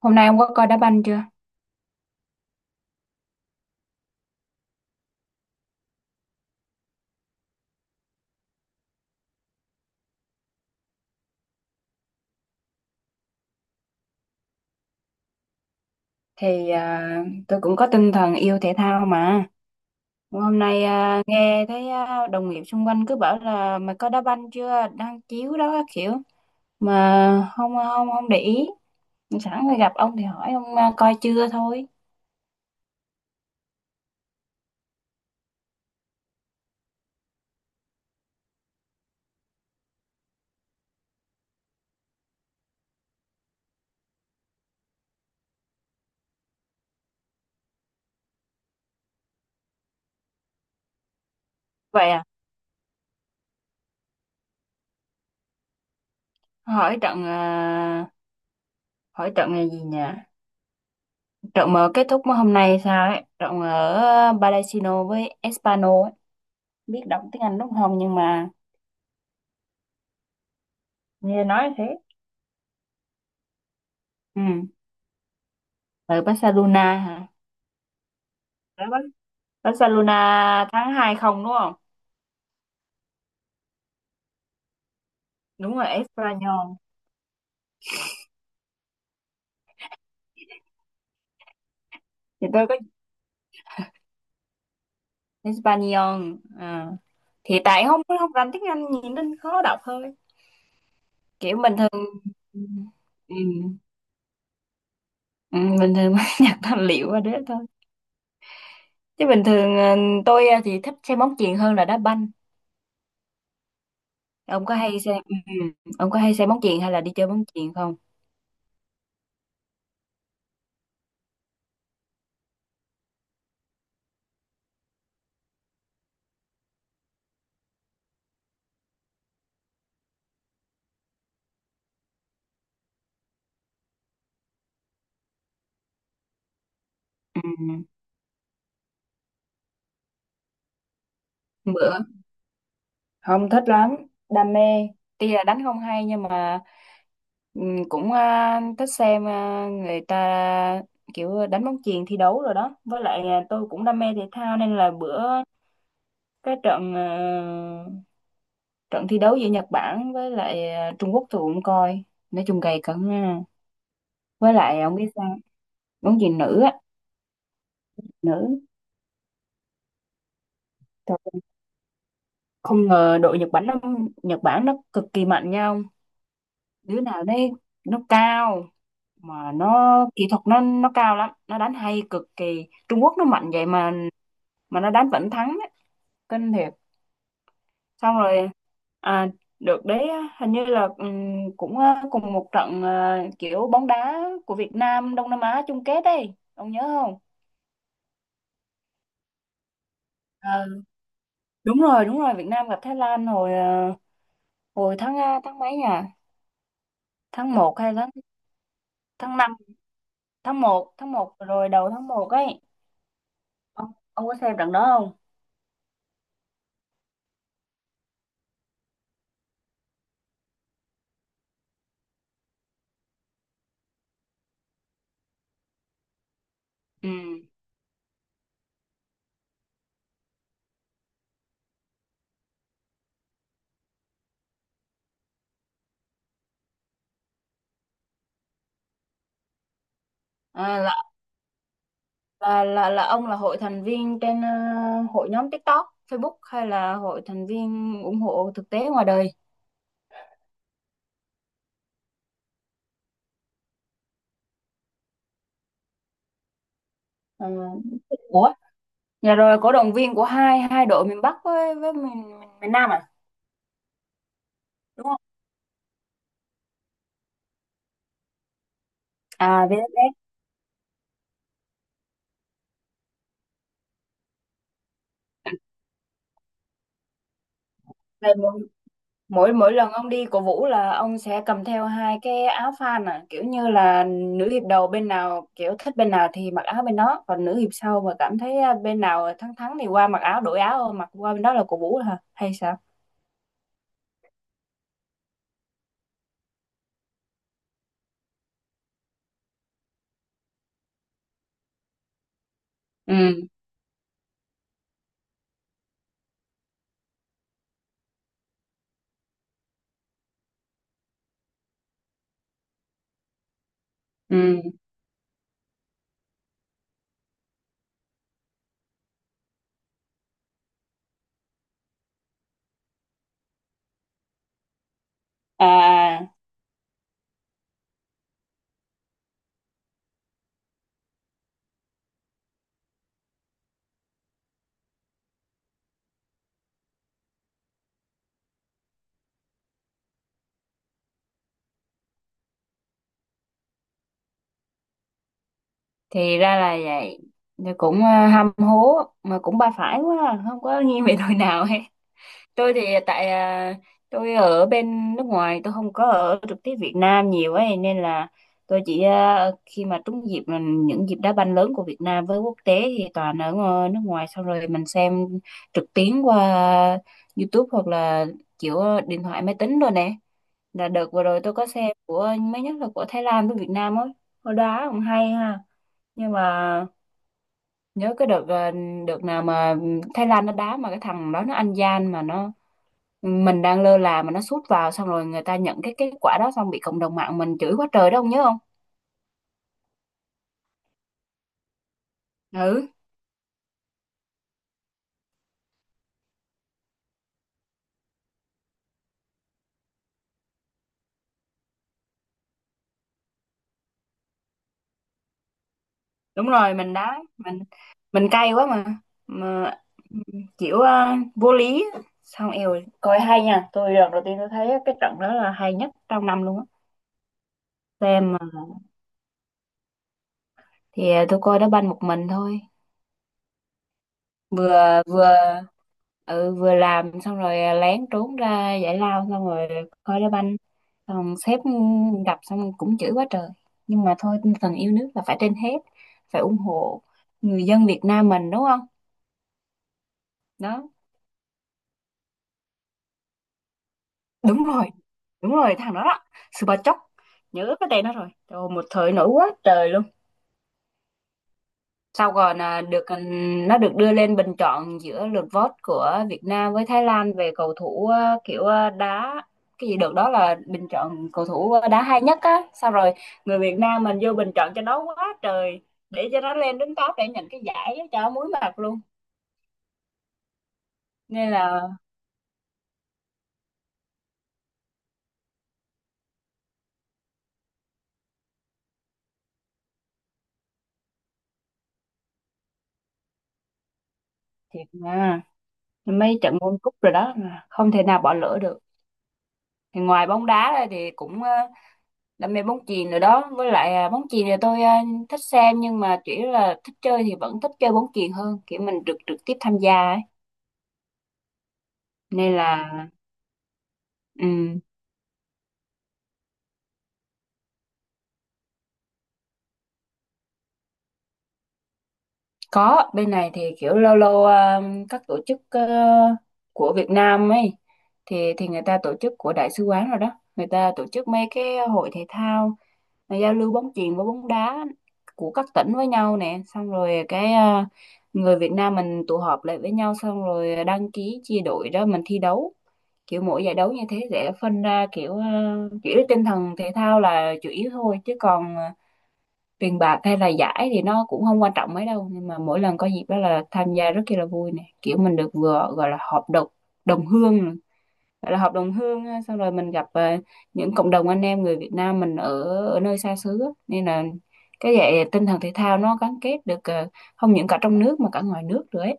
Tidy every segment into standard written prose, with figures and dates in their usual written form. Hôm nay ông có coi đá banh chưa? Tôi cũng có tinh thần yêu thể thao mà. Hôm nay nghe thấy đồng nghiệp xung quanh cứ bảo là mày coi đá banh chưa? Đang chiếu đó các kiểu mà không à, không không để ý. Sẵn phải gặp ông thì hỏi ông coi chưa thôi. Vậy à? Hỏi trận à, hỏi trận là gì nhỉ? Trận mà kết thúc hôm nay sao ấy? Trận ở Balasino với Espano ấy. Biết đọc tiếng Anh đúng không, nhưng mà nghe nói thế. Ừ, ở Barcelona hả? Barcelona tháng 2 không đúng không? Đúng rồi, Espanyol. Thì tôi có Espanyol. À. Thì tại không không rành tiếng Anh nhìn nên khó đọc thôi. Kiểu bình thường ừ. Ừ, bình thường mới nhặt tài liệu qua đấy thôi. Chứ bình thường thì thích xem bóng chuyền hơn là đá banh. Ông có hay xem ừ. ừ, Ông có hay xem bóng chuyền hay là đi chơi bóng chuyền không? Ừ. Bữa không thích lắm, đam mê tuy là đánh không hay, nhưng mà cũng thích xem người ta kiểu đánh bóng chuyền thi đấu rồi đó, với lại tôi cũng đam mê thể thao nên là bữa cái trận thi đấu giữa Nhật Bản với lại Trung Quốc tôi cũng coi, nói chung gay cấn ha. Với lại ông biết sao, bóng chuyền nữ á, nữ, trời ơi, không ngờ đội Nhật Bản nó cực kỳ mạnh nhau, đứa nào đấy nó cao, mà nó kỹ thuật nó cao lắm, nó đánh hay cực kỳ. Trung Quốc nó mạnh vậy mà nó đánh vẫn thắng ấy. Kinh thiệt. Xong rồi à, được đấy, hình như là cũng cùng một kiểu bóng đá của Việt Nam Đông Nam Á chung kết ấy, ông nhớ không? Ờ, đúng rồi Việt Nam gặp Thái Lan hồi tháng mấy nhỉ? Tháng một hay tháng tháng năm, tháng một, tháng một rồi, đầu tháng một ấy. Ông có xem trận đó không? Ừ, à, là ông là hội thành viên trên ờ, hội nhóm TikTok, Facebook, hay là hội thành viên ủng hộ thực tế ngoài đời? Ờ, ủa, nhà rồi cổ động viên của hai hai đội miền Bắc với miền miền Nam à? Đúng không? À VFF. Vậy mỗi mỗi mỗi lần ông đi cổ vũ là ông sẽ cầm theo hai cái áo fan à, kiểu như là nữ hiệp đầu bên nào, kiểu thích bên nào thì mặc áo bên đó, còn nữ hiệp sau mà cảm thấy ờ, bên nào thắng thắng thì qua mặc áo, đổi áo, mặc qua bên đó là cổ vũ hả? Hay sao? Ừ. Ừ. À à, thì ra là vậy. Thì cũng ờ, ham hố mà cũng ba phải quá à, không có nghiêng về đội nào hết. Tôi thì tại ờ, tôi ở bên nước ngoài, tôi không có ở trực tiếp Việt Nam nhiều ấy nên là tôi chỉ ờ, khi mà trúng dịp là những dịp đá banh lớn của Việt Nam với quốc tế thì toàn ở nước ngoài xong rồi mình xem trực tuyến qua YouTube, hoặc là kiểu điện thoại máy tính rồi nè, là đợt vừa rồi tôi có xem của mới nhất là của Thái Lan với Việt Nam ấy. Hồi đó cũng hay ha, nhưng mà nhớ cái đợt ờ, đợt nào mà Thái Lan nó đá mà cái thằng đó nó ăn gian mà nó, mình đang lơ là mà nó sút vào, xong rồi người ta nhận cái kết quả đó, xong bị cộng đồng mạng mình chửi quá trời đó, ông nhớ không? Ừ, đúng rồi, mình đá mình cay quá mà kiểu ờ, vô lý. Xong eo, coi hay nha, tôi lần đầu tiên tôi thấy cái trận đó là hay nhất trong năm luôn á. Xem mà, thì tôi coi đá banh một mình thôi. Vừa vừa ừ, vừa làm xong rồi à, lén trốn ra giải lao xong rồi coi đá banh, xong sếp gặp xong cũng chửi quá trời, nhưng mà thôi tinh thần yêu nước là phải trên hết, phải ủng hộ người dân Việt Nam mình đúng không. Đó đúng rồi, đúng rồi, thằng đó đó, Super Chóc, nhớ cái tên nó rồi. Trời ơi, một thời nổi quá trời luôn. Sau còn à, được ừ, nó được đưa lên bình chọn giữa lượt vote của Việt Nam với Thái Lan về cầu thủ à, kiểu à, đá cái gì được đó, là bình chọn cầu thủ à, đá hay nhất á. Sau rồi người Việt Nam mình vô bình chọn cho nó quá trời, để cho nó lên đến top để nhận cái giải á, cho muối mặt luôn. Nên là thiệt mà, mấy trận World Cup rồi đó mà không thể nào bỏ lỡ được. Thì ngoài bóng đá ra thì cũng ờ, đam mê bóng chuyền rồi đó, với lại à, bóng chuyền thì tôi à, thích xem nhưng mà chỉ là thích chơi, thì vẫn thích chơi bóng chuyền hơn, kiểu mình trực trực tiếp tham gia ấy nên là ừ. Có, bên này thì kiểu lâu lâu ờ, các tổ chức ờ, của Việt Nam ấy thì người ta tổ chức của đại sứ quán rồi đó. Người ta tổ chức mấy cái hội thể thao mà giao lưu bóng chuyền với bóng đá của các tỉnh với nhau nè, xong rồi cái ờ, người Việt Nam mình tụ họp lại với nhau, xong rồi đăng ký chia đội đó mình thi đấu. Kiểu mỗi giải đấu như thế sẽ phân ra kiểu ờ, chỉ tinh thần thể thao là chủ yếu thôi, chứ còn ờ, tiền bạc hay là giải thì nó cũng không quan trọng mấy đâu, nhưng mà mỗi lần có dịp đó là tham gia rất kia là vui nè, kiểu mình được vừa gọi là họp đồng đồng hương nè, gọi là họp đồng hương á. Xong rồi mình gặp ờ, những cộng đồng anh em người Việt Nam mình ở ở nơi xa xứ á, nên là cái vậy tinh thần thể thao nó gắn kết được ờ, không những cả trong nước mà cả ngoài nước nữa ấy.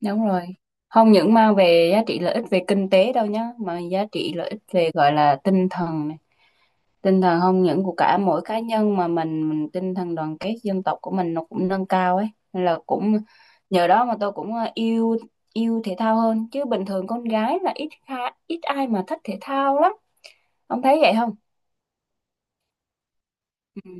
Đúng rồi. Không những mang về giá trị lợi ích về kinh tế đâu nhá, mà giá trị lợi ích về gọi là tinh thần này. Tinh thần không những của cả mỗi cá nhân mà mình tinh thần đoàn kết dân tộc của mình nó cũng nâng cao ấy. Nên là cũng nhờ đó mà tôi cũng ờ, yêu yêu thể thao hơn, chứ bình thường con gái là ít kha, ít ai mà thích thể thao lắm. Ông thấy vậy không? Ừ.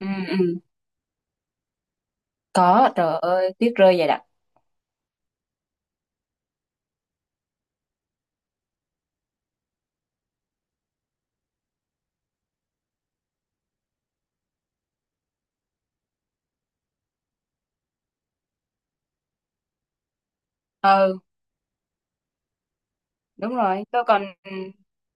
Ừ, ừ. Có, trời ơi, tuyết rơi vậy đặc. Đúng rồi, tôi còn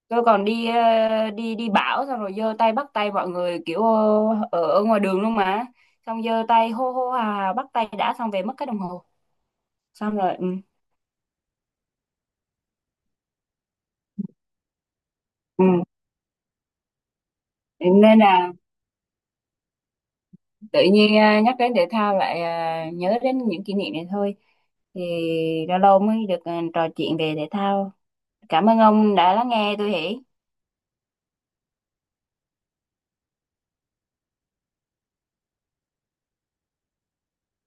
tôi còn đi ờ, đi đi bão, xong rồi giơ tay bắt tay mọi người kiểu ờ, ở ngoài đường luôn mà, xong giơ tay hô hô hào hào bắt tay đã, xong về mất cái đồng hồ, xong rồi ừ, ừ, nên là tự nhiên ờ, nhắc đến thể thao lại ờ, nhớ đến những kỷ niệm này thôi. Thì lâu lâu mới được ờ, trò chuyện về thể thao, cảm ơn ông đã lắng nghe tôi hỉ.